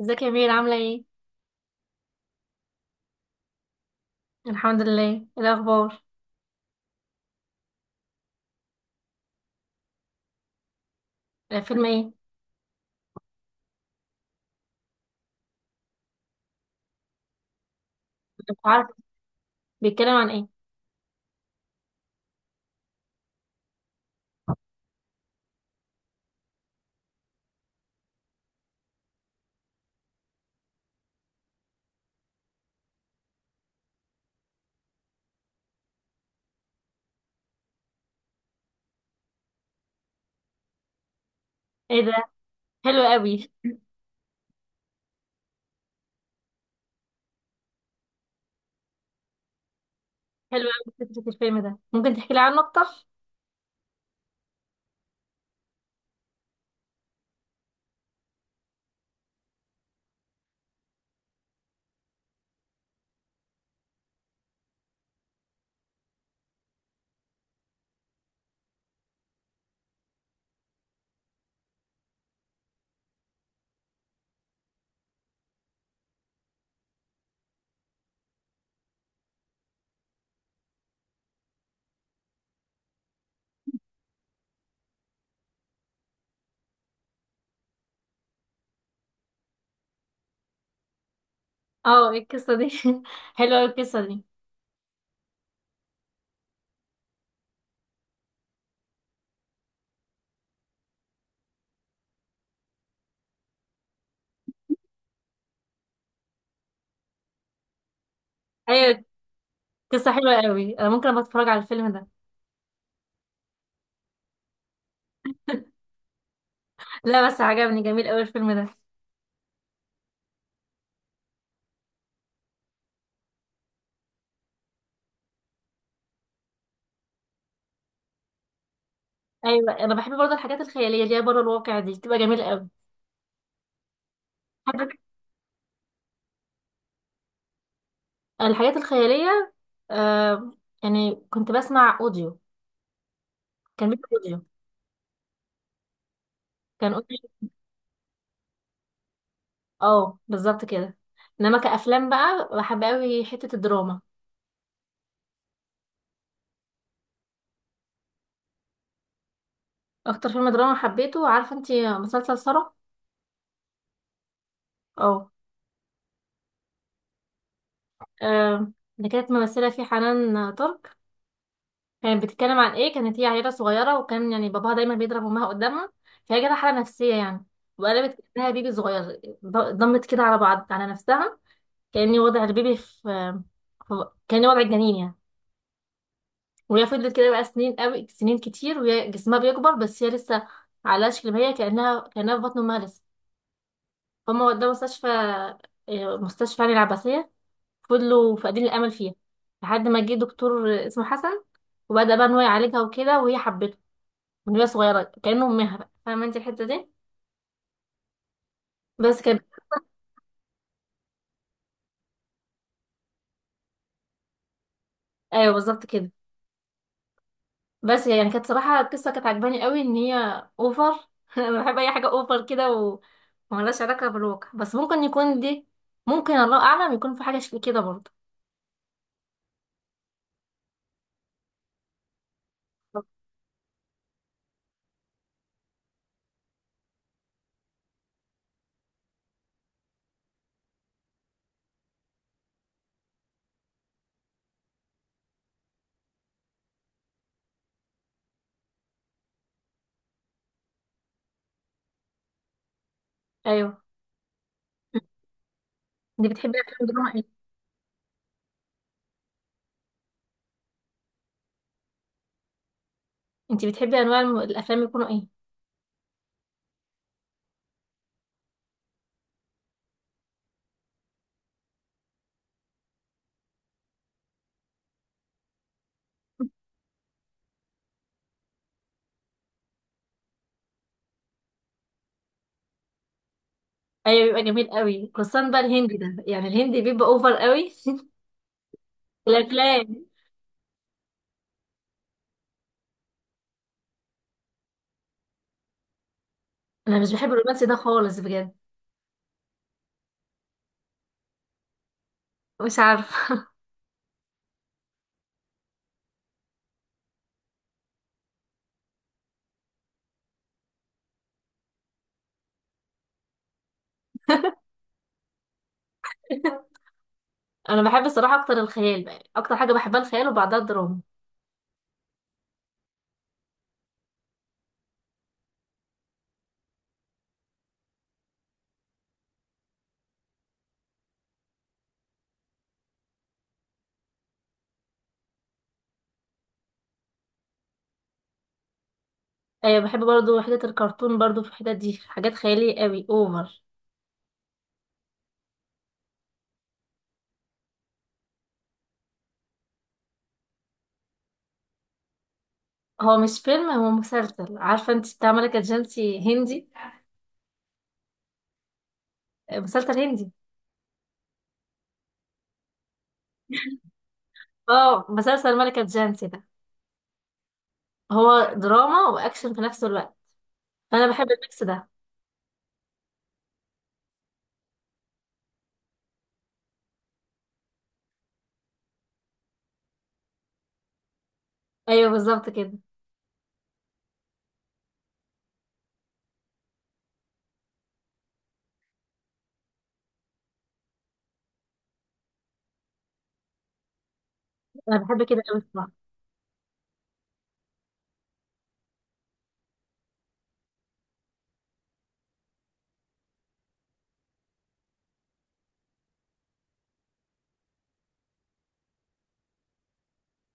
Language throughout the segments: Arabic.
ازيك يا مير عاملة ايه؟ الحمد لله، ايه الأخبار؟ آه، فيلم ايه؟ مش عارفة، بيتكلم عن ايه؟ ايه ده؟ حلو قوي. حلو قوي فكرة الفيلم ده. ممكن تحكي لي عنه أكتر؟ اه، ايه القصة دي؟ حلوة قوي القصة دي. أيوة. قصة حلوة قوي، أنا ممكن أبقى أتفرج على الفيلم ده. لا، بس عجبني، جميل قوي الفيلم ده. أيوة، أنا بحب برضه الحاجات الخيالية اللي هي بره الواقع دي، بتبقى جميلة قوي. حاجة- الحاجات الخيالية. آه. يعني كنت بسمع أوديو، كان بيبقى أوديو، كان أوديو. اه، بالظبط كده. انما كأفلام بقى بحب قوي حتة الدراما. اكتر فيلم دراما حبيته، عارفة انتي مسلسل سارة؟ اه. آه، اللي كانت ممثلة فيه حنان ترك. كانت بتتكلم عن ايه، كانت هي عيلة صغيرة وكان يعني باباها دايما بيضرب امها قدامها. فهي جالها حالة نفسية يعني. وقلبت كأنها بيبي صغير، ضمت كده على بعض على نفسها. كأني وضع البيبي في كأني وضع الجنين يعني. وهي فضلت كده بقى سنين قوي، سنين كتير، وهي جسمها بيكبر بس هي لسه على شكل ما هي كأنها في بطن امها لسه. فهم ودوها مستشفى. مستشفى يعني العباسية. فضلوا فاقدين الأمل فيها. لحد ما جه دكتور اسمه حسن. وبدأ بقى إن هو يعالجها وكده، وهي حبته من وهي صغيرة كأنه أمها، بقى فاهمة أنت الحتة دي. بس كان. أيوه، بالظبط كده. بس يعني كانت صراحة القصة كانت عجباني قوي ان هي اوفر. انا بحب اي حاجة اوفر كده وملهاش علاقة بالواقع، بس ممكن يكون دي، ممكن الله اعلم يكون في حاجة شكل كده برضه. ايوه. انت بتحبي افلام دراما ايه؟ انت بتحبي انواع الافلام يكونوا ايه؟ ايوه، بيبقى جميل قوي، خصوصا بقى الهندي ده، يعني الهندي بيبقى اوفر قوي. الافلام. انا مش بحب الرومانسي ده خالص، بجد. مش عارفة. انا بحب الصراحة اكتر الخيال، بقى اكتر حاجة بحبها الخيال وبعدها الدراما. ايوه، بحب برضو حتة الكرتون، برضو في الحتة دي حاجات خيالية قوي اوفر. هو مش فيلم، هو مسلسل، عارفة انت بتاع ملكة جانسي هندي؟ آه، مسلسل هندي. اه، مسلسل ملكة جانسي ده هو دراما واكشن في نفس الوقت. فانا بحب الميكس ده. ايوه، بالظبط كده. انا بحب كده قوي الصراحة.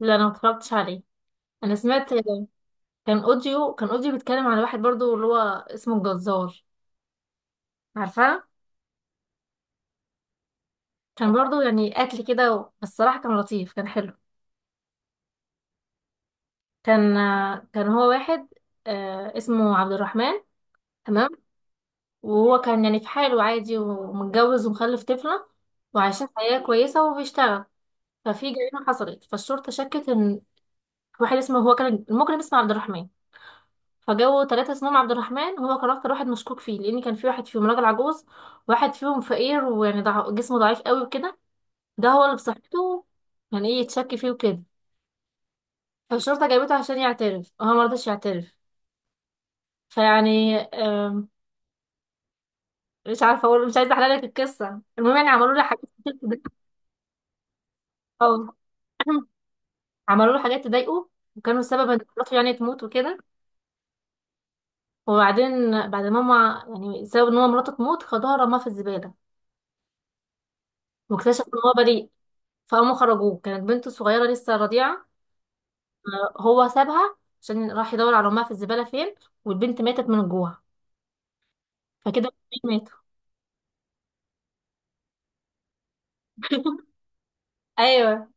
لا، انا متفرجتش عليه، انا سمعت. كان اوديو بيتكلم عن واحد برضو اللي هو اسمه الجزار. عارفاه. كان برضو يعني قتل كده، بس الصراحة كان لطيف، كان حلو. كان كان هو واحد، اسمه عبد الرحمن. تمام. وهو كان يعني في حاله عادي ومتجوز ومخلف طفلة، وعايشين حياة كويسة وبيشتغل. ففي جريمة حصلت، فالشرطة شكت ان واحد اسمه، هو كان المجرم اسمه عبد الرحمن. فجابوا ثلاثة اسمهم عبد الرحمن، وهو كان أكتر واحد مشكوك فيه لأن كان في واحد فيهم راجل عجوز، واحد فيهم فقير ويعني جسمه ضعيف قوي وكده. ده هو اللي بصحته يعني، ايه يتشك فيه وكده. فالشرطة جابته عشان يعترف وهو مرضاش يعترف. فيعني، مش عارفه اقول، مش عايزه احلل لك القصه، المهم يعني عملوا له حاجات كتير تضايقه. أوي. عملوا له حاجات تضايقه، وكانوا سبب ان مراته يعني تموت وكده. وبعدين بعد ما ماما، يعني سبب ان هو مراته تموت، خدها رماها في الزباله. واكتشف ان هو بريء. فقاموا خرجوه، كانت بنته صغيره لسه رضيعه. هو سابها عشان راح يدور على امها في الزباله فين. والبنت ماتت من الجوع. فكده الاتنين ماتوا. ايوه،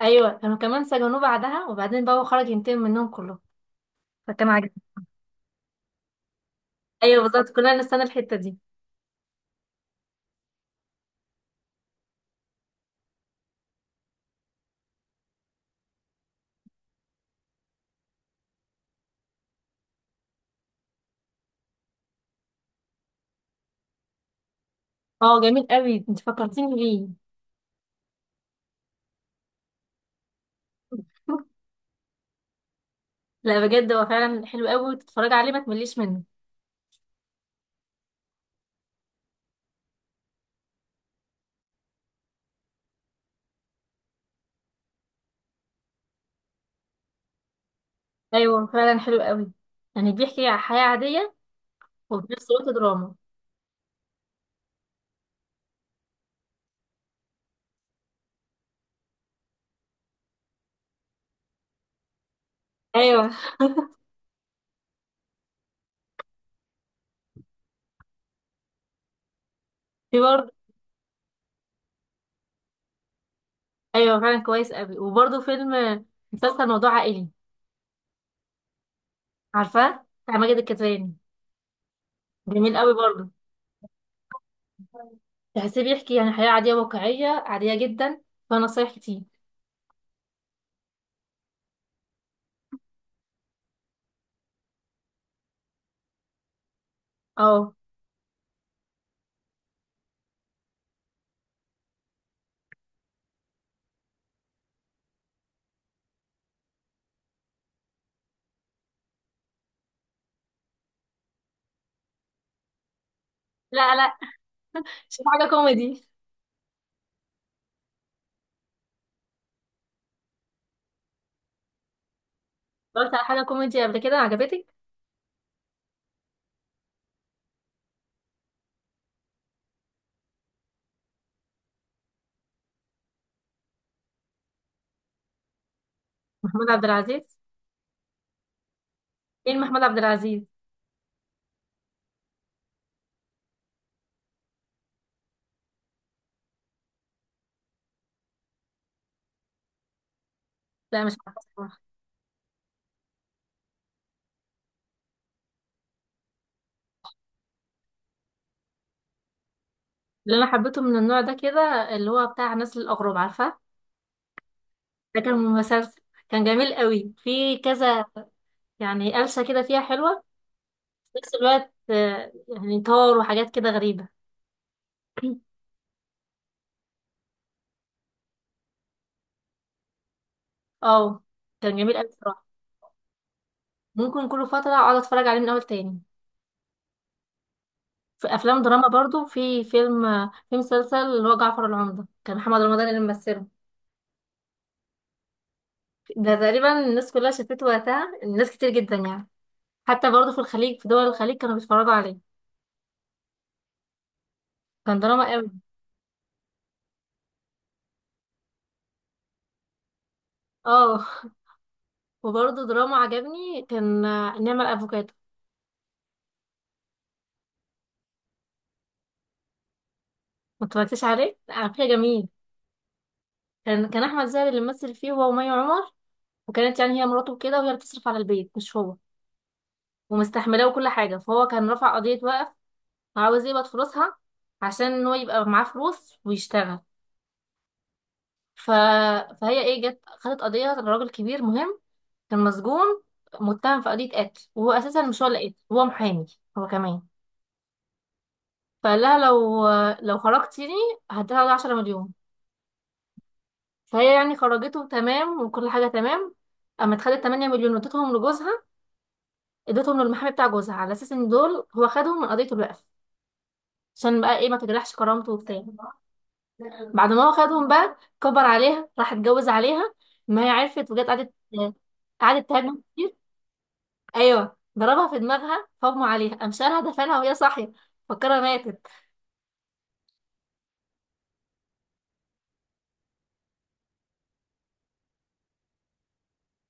ايوه. كانوا كمان سجنوه بعدها، وبعدين بقى هو خرج ينتقم منهم كلهم. فكان عاجبني. ايوه بالظبط، كلنا نستنى الحته دي. اه جميل قوي، انت فكرتيني بيه. لا، بجد هو فعلا حلو قوي، تتفرج عليه ما تمليش منه. ايوه فعلا، حلو قوي. يعني بيحكي عن حياة عادية وفي نفس الوقت دراما. ايوه، في برضه. ايوه فعلا، كويس قوي. وبرضه فيلم، مسلسل موضوع عائلي، عارفاه بتاع ماجد الكدواني. جميل قوي برضه. تحسيه بيحكي يعني حياة عادية، واقعية عادية جدا، فيها نصايح كتير. اه. لا، لا. شوف حاجة كوميدي. اتفرجت على حاجة كوميدي قبل كده عجبتك؟ محمود عبد العزيز. فين محمود عبد العزيز. لا، مش عارفة الصراحة. اللي أنا حبيته من النوع ده كده، اللي هو بتاع نسل الأغراب، عارفة؟ ده كان مسلسل. كان جميل قوي في كذا. يعني قلشة كده فيها حلوة، في نفس الوقت يعني طار وحاجات كده غريبة. اه. كان جميل قوي بصراحة. ممكن كل فترة أقعد أتفرج عليه من أول تاني. في أفلام دراما برضو، في فيلم، في مسلسل اللي هو جعفر العمدة، كان محمد رمضان اللي ممثله. ده تقريبا الناس كلها شافته وقتها، الناس كتير جدا يعني. حتى برضو في الخليج، في دول الخليج كانوا بيتفرجوا عليه. كان دراما قوي. اه. وبرضه دراما عجبني كان نعمة الافوكاتو. ما اتفرجتش عليه لا، على فكرة جميل. كان احمد زاهر اللي ممثل فيه، هو ومي عمر. وكانت يعني هي مراته كده، وهي اللي بتصرف على البيت مش هو. ومستحملاه وكل حاجة. فهو كان رفع قضية وقف وعاوز يقبض فلوسها عشان هو يبقى معاه فلوس ويشتغل. ف... فهي ايه، جت خدت قضية لراجل كبير مهم، كان مسجون، متهم في قضية قتل وهو اساسا مش هو اللي قتل، هو محامي هو كمان. فقال لها لو خرجتيني هديها 10 مليون. فهي يعني خرجته تمام، وكل حاجة تمام. اما اتخدت 8 مليون وادتهم لجوزها، ادتهم للمحامي بتاع جوزها على اساس ان دول هو خدهم من قضية الوقف، عشان بقى ايه ما تجرحش كرامته وبتاع. بعد ما هو خدهم بقى كبر عليها، راح اتجوز عليها. ما هي عرفت وجت قعدت. قعدت تهاجم كتير. ايوه، ضربها في دماغها فاغمى عليها، قام شالها دفنها وهي صاحية، فكرها ماتت.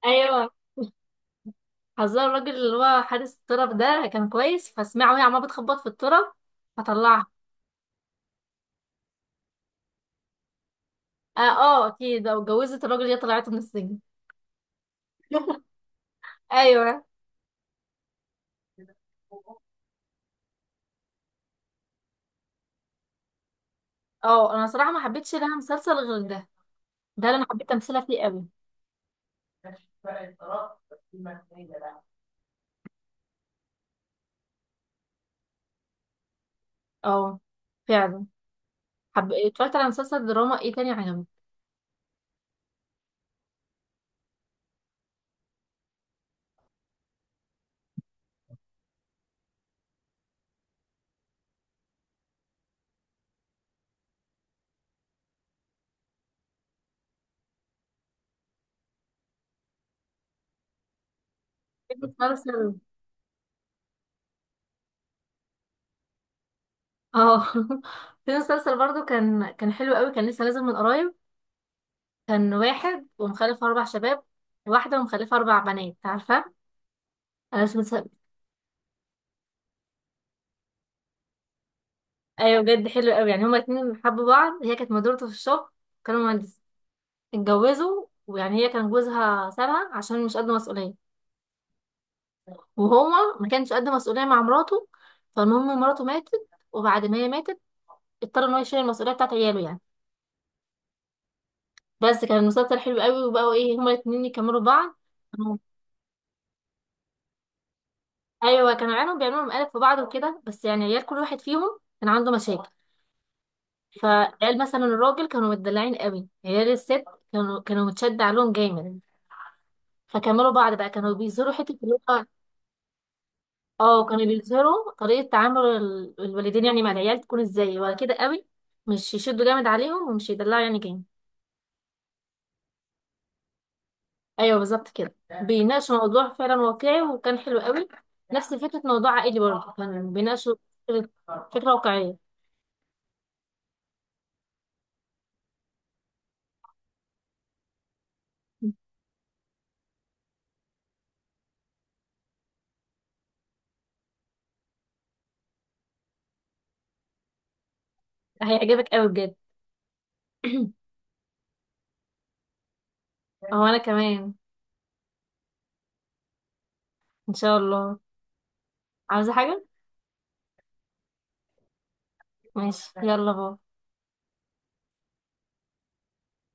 ايوه، حذر الراجل اللي هو حارس التراب ده كان كويس، فسمعه وهي عمالة بتخبط في التراب فطلعها. اه. آه، اكيد لو اتجوزت الراجل ده، طلعته من السجن. ايوه. اه انا صراحه ما حبيتش لها مسلسل غير ده، ده اللي انا حبيت تمثيلها فيه قوي. اه فعلا. اتفرجت على مسلسل دراما ايه تاني عجبني. في مسلسل. اه. في مسلسل برضو كان حلو قوي، كان لسه نازل من قريب. كان واحد ومخلف اربع شباب، واحده ومخلفه اربع بنات، عارفه. انا مش ايوه بجد حلو قوي. يعني هما اتنين حبوا بعض، هي كانت مديرته في الشغل، كانوا مهندسين. اتجوزوا ويعني هي كان جوزها سابها عشان مش قد مسؤولية. وهو ما كانش قد مسؤولية مع مراته. فالمهم مراته ماتت، وبعد ما هي ماتت اضطر ان هو يشيل المسؤولية بتاعت عياله يعني. بس كان المسلسل حلو قوي، وبقوا ايه هما الاتنين يكملوا بعض. مم. ايوه، كانوا عيالهم بيعملوا مقالب في بعض وكده، بس يعني عيال كل واحد فيهم كان عنده مشاكل. فعيال مثلا الراجل كانوا متدلعين قوي، عيال الست كانوا متشد عليهم جامد. فكملوا بعض بقى، كانوا بيظهروا حته اللي هو، اه كانوا بيظهروا طريقة تعامل الوالدين يعني مع العيال تكون ازاي، ولا كده قوي، مش يشدوا جامد عليهم ومش يدلعوا يعني جامد. ايوه، بالظبط كده. بيناقشوا موضوع فعلا واقعي، وكان حلو قوي. نفس فكرة موضوع عائلي برضه، كان بيناقشوا فكرة، فكرة واقعية. هيعجبك قوي بجد. هو انا كمان. ان شاء الله. عاوزة حاجة؟ ماشي، يلا باي.